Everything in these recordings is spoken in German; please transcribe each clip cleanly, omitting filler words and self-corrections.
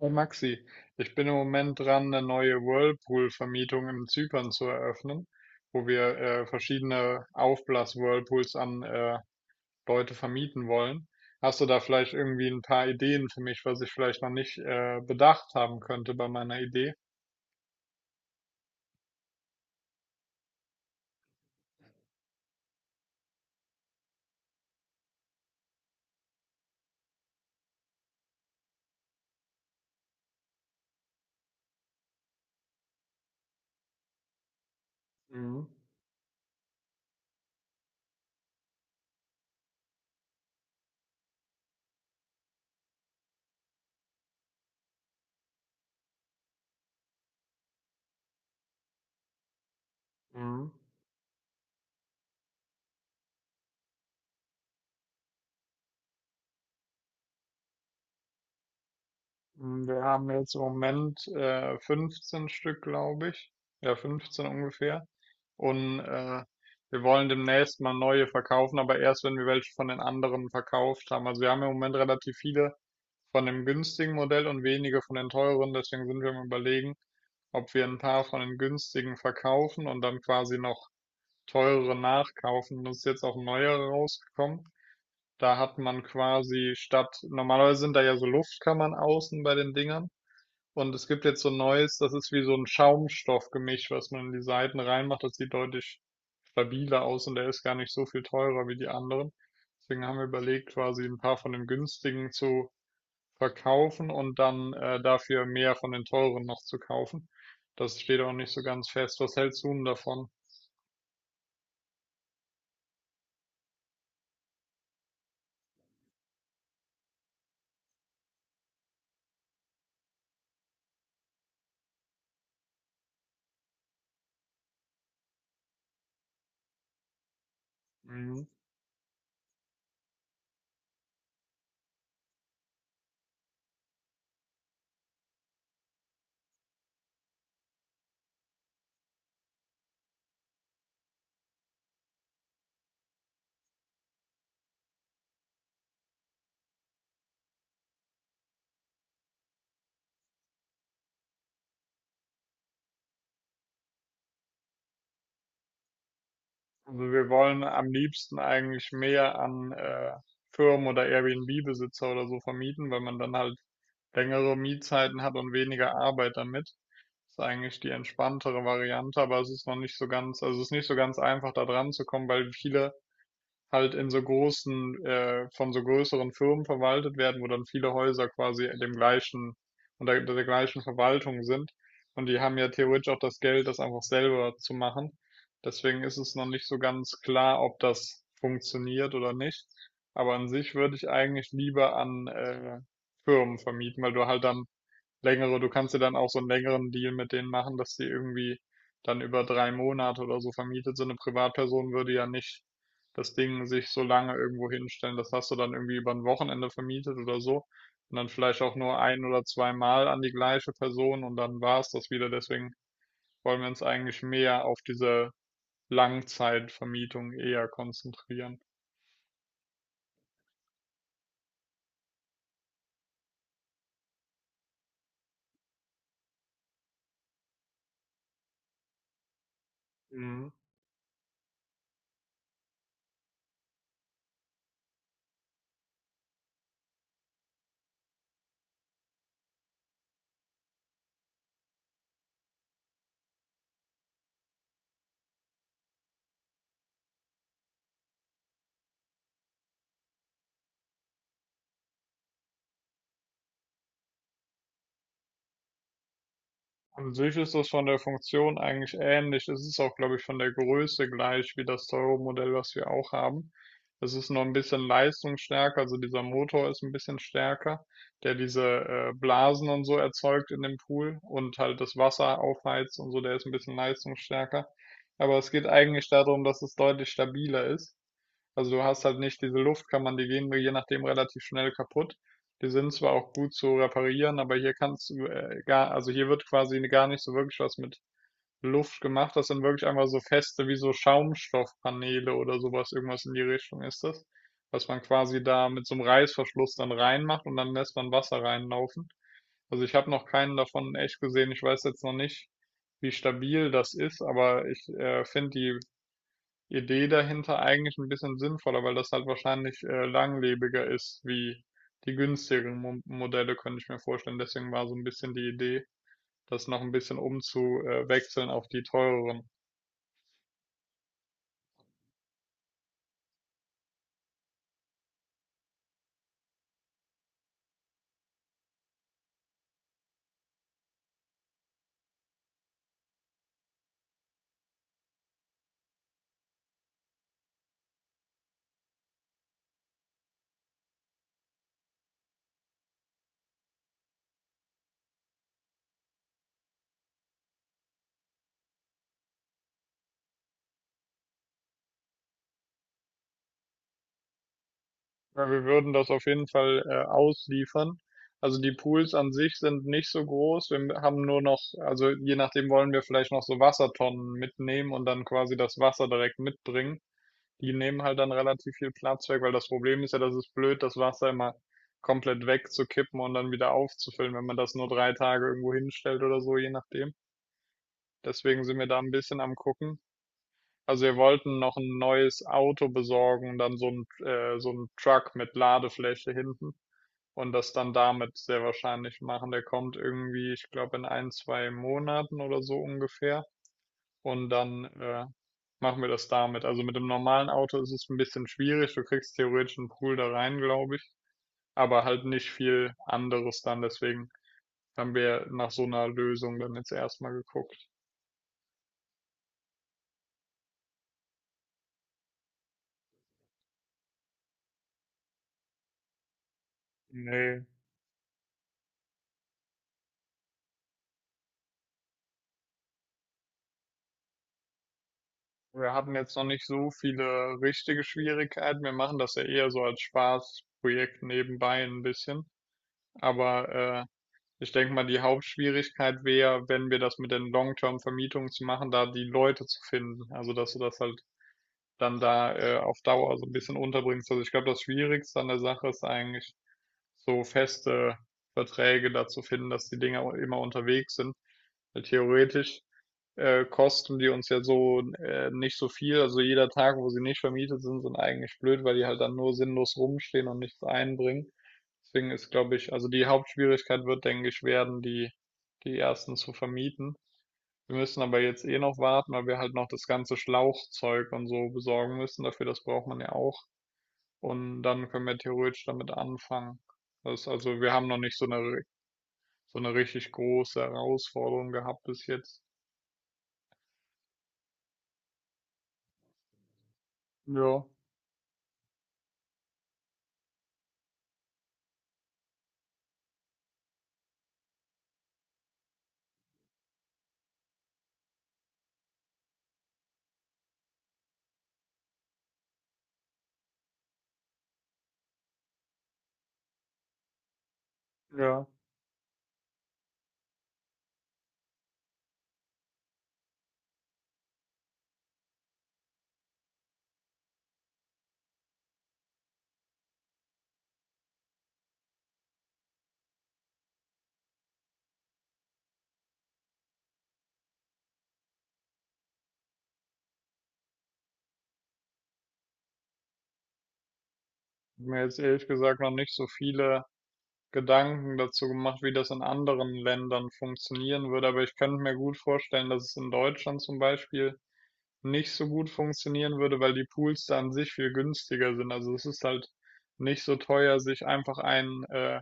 Hey Maxi, ich bin im Moment dran, eine neue Whirlpool-Vermietung in Zypern zu eröffnen, wo wir verschiedene Aufblas-Whirlpools an Leute vermieten wollen. Hast du da vielleicht irgendwie ein paar Ideen für mich, was ich vielleicht noch nicht bedacht haben könnte bei meiner Idee? Mhm. Mhm. Wir haben jetzt im Moment 15 Stück, glaube ich. Ja, 15 ungefähr. Und wir wollen demnächst mal neue verkaufen, aber erst, wenn wir welche von den anderen verkauft haben. Also wir haben im Moment relativ viele von dem günstigen Modell und wenige von den teuren. Deswegen sind wir am Überlegen, ob wir ein paar von den günstigen verkaufen und dann quasi noch teurere nachkaufen. Das ist jetzt auch ein neuer rausgekommen. Da hat man quasi statt, normalerweise sind da ja so Luftkammern außen bei den Dingern. Und es gibt jetzt so 'n neues, das ist wie so ein Schaumstoffgemisch, was man in die Seiten reinmacht. Das sieht deutlich stabiler aus und der ist gar nicht so viel teurer wie die anderen. Deswegen haben wir überlegt, quasi ein paar von den günstigen zu verkaufen und dann, dafür mehr von den teuren noch zu kaufen. Das steht auch nicht so ganz fest. Was hältst du 'n davon? Mhm. Also wir wollen am liebsten eigentlich mehr an Firmen oder Airbnb-Besitzer oder so vermieten, weil man dann halt längere Mietzeiten hat und weniger Arbeit damit. Ist eigentlich die entspanntere Variante, aber es ist noch nicht so ganz, also es ist nicht so ganz einfach da dran zu kommen, weil viele halt in so großen, von so größeren Firmen verwaltet werden, wo dann viele Häuser quasi dem gleichen, unter der gleichen Verwaltung sind. Und die haben ja theoretisch auch das Geld, das einfach selber zu machen. Deswegen ist es noch nicht so ganz klar, ob das funktioniert oder nicht. Aber an sich würde ich eigentlich lieber an Firmen vermieten, weil du halt dann Längere, du kannst dir dann auch so einen längeren Deal mit denen machen, dass die irgendwie dann über drei Monate oder so vermietet sind. Eine Privatperson würde ja nicht das Ding sich so lange irgendwo hinstellen. Das hast du dann irgendwie über ein Wochenende vermietet oder so. Und dann vielleicht auch nur ein oder zweimal an die gleiche Person und dann war es das wieder. Deswegen wollen wir uns eigentlich mehr auf diese Langzeitvermietung eher konzentrieren. Mhm. An sich ist das von der Funktion eigentlich ähnlich. Es ist auch, glaube ich, von der Größe gleich wie das teure Modell, was wir auch haben. Es ist nur ein bisschen leistungsstärker, also dieser Motor ist ein bisschen stärker, der diese Blasen und so erzeugt in dem Pool und halt das Wasser aufheizt und so, der ist ein bisschen leistungsstärker. Aber es geht eigentlich darum, dass es deutlich stabiler ist. Also du hast halt nicht diese Luftkammern, die gehen mir je nachdem relativ schnell kaputt. Die sind zwar auch gut zu reparieren, aber hier kannst du gar, also hier wird quasi gar nicht so wirklich was mit Luft gemacht. Das sind wirklich einfach so feste wie so Schaumstoffpaneele oder sowas, irgendwas in die Richtung ist das, was man quasi da mit so einem Reißverschluss dann reinmacht und dann lässt man Wasser reinlaufen. Also ich habe noch keinen davon in echt gesehen. Ich weiß jetzt noch nicht, wie stabil das ist, aber ich finde die Idee dahinter eigentlich ein bisschen sinnvoller, weil das halt wahrscheinlich, langlebiger ist wie die günstigeren Mo Modelle, könnte ich mir vorstellen. Deswegen war so ein bisschen die Idee, das noch ein bisschen umzuwechseln auf die teureren. Weil wir würden das auf jeden Fall, ausliefern. Also, die Pools an sich sind nicht so groß. Wir haben nur noch also, je nachdem wollen wir vielleicht noch so Wassertonnen mitnehmen und dann quasi das Wasser direkt mitbringen. Die nehmen halt dann relativ viel Platz weg, weil das Problem ist ja, das ist blöd, das Wasser immer komplett wegzukippen und dann wieder aufzufüllen, wenn man das nur drei Tage irgendwo hinstellt oder so, je nachdem. Deswegen sind wir da ein bisschen am gucken. Also wir wollten noch ein neues Auto besorgen und dann so ein Truck mit Ladefläche hinten und das dann damit sehr wahrscheinlich machen. Der kommt irgendwie, ich glaube, in ein, zwei Monaten oder so ungefähr und dann machen wir das damit. Also mit dem normalen Auto ist es ein bisschen schwierig. Du kriegst theoretisch einen Pool da rein, glaube ich, aber halt nicht viel anderes dann. Deswegen haben wir nach so einer Lösung dann jetzt erstmal geguckt. Nee, wir hatten jetzt noch nicht so viele richtige Schwierigkeiten. Wir machen das ja eher so als Spaßprojekt nebenbei ein bisschen. Aber ich denke mal, die Hauptschwierigkeit wäre, wenn wir das mit den Long-Term-Vermietungen zu machen, da die Leute zu finden. Also, dass du das halt dann da auf Dauer so ein bisschen unterbringst. Also ich glaube, das Schwierigste an der Sache ist eigentlich, so feste Verträge dazu finden, dass die Dinger immer unterwegs sind. Weil theoretisch kosten die uns ja so nicht so viel. Also jeder Tag, wo sie nicht vermietet sind, sind eigentlich blöd, weil die halt dann nur sinnlos rumstehen und nichts einbringen. Deswegen ist, glaube ich, also die Hauptschwierigkeit wird, denke ich, werden, die, die ersten zu vermieten. Wir müssen aber jetzt eh noch warten, weil wir halt noch das ganze Schlauchzeug und so besorgen müssen. Dafür, das braucht man ja auch. Und dann können wir theoretisch damit anfangen. Das, also wir haben noch nicht so eine, so eine richtig große Herausforderung gehabt bis jetzt. Ja, ja. Ich hab mir jetzt ehrlich gesagt noch nicht so viele Gedanken dazu gemacht, wie das in anderen Ländern funktionieren würde. Aber ich könnte mir gut vorstellen, dass es in Deutschland zum Beispiel nicht so gut funktionieren würde, weil die Pools da an sich viel günstiger sind. Also es ist halt nicht so teuer, sich einfach einen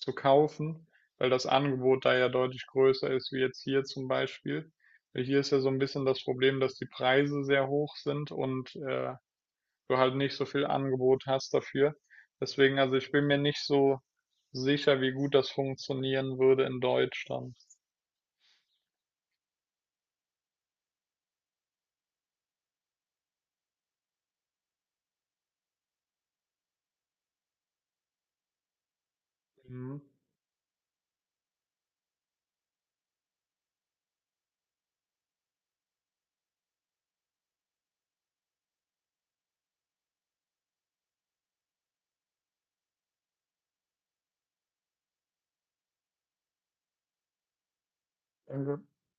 zu kaufen, weil das Angebot da ja deutlich größer ist, wie jetzt hier zum Beispiel. Weil hier ist ja so ein bisschen das Problem, dass die Preise sehr hoch sind und du halt nicht so viel Angebot hast dafür. Deswegen, also ich bin mir nicht so sicher, wie gut das funktionieren würde in Deutschland. Mhm.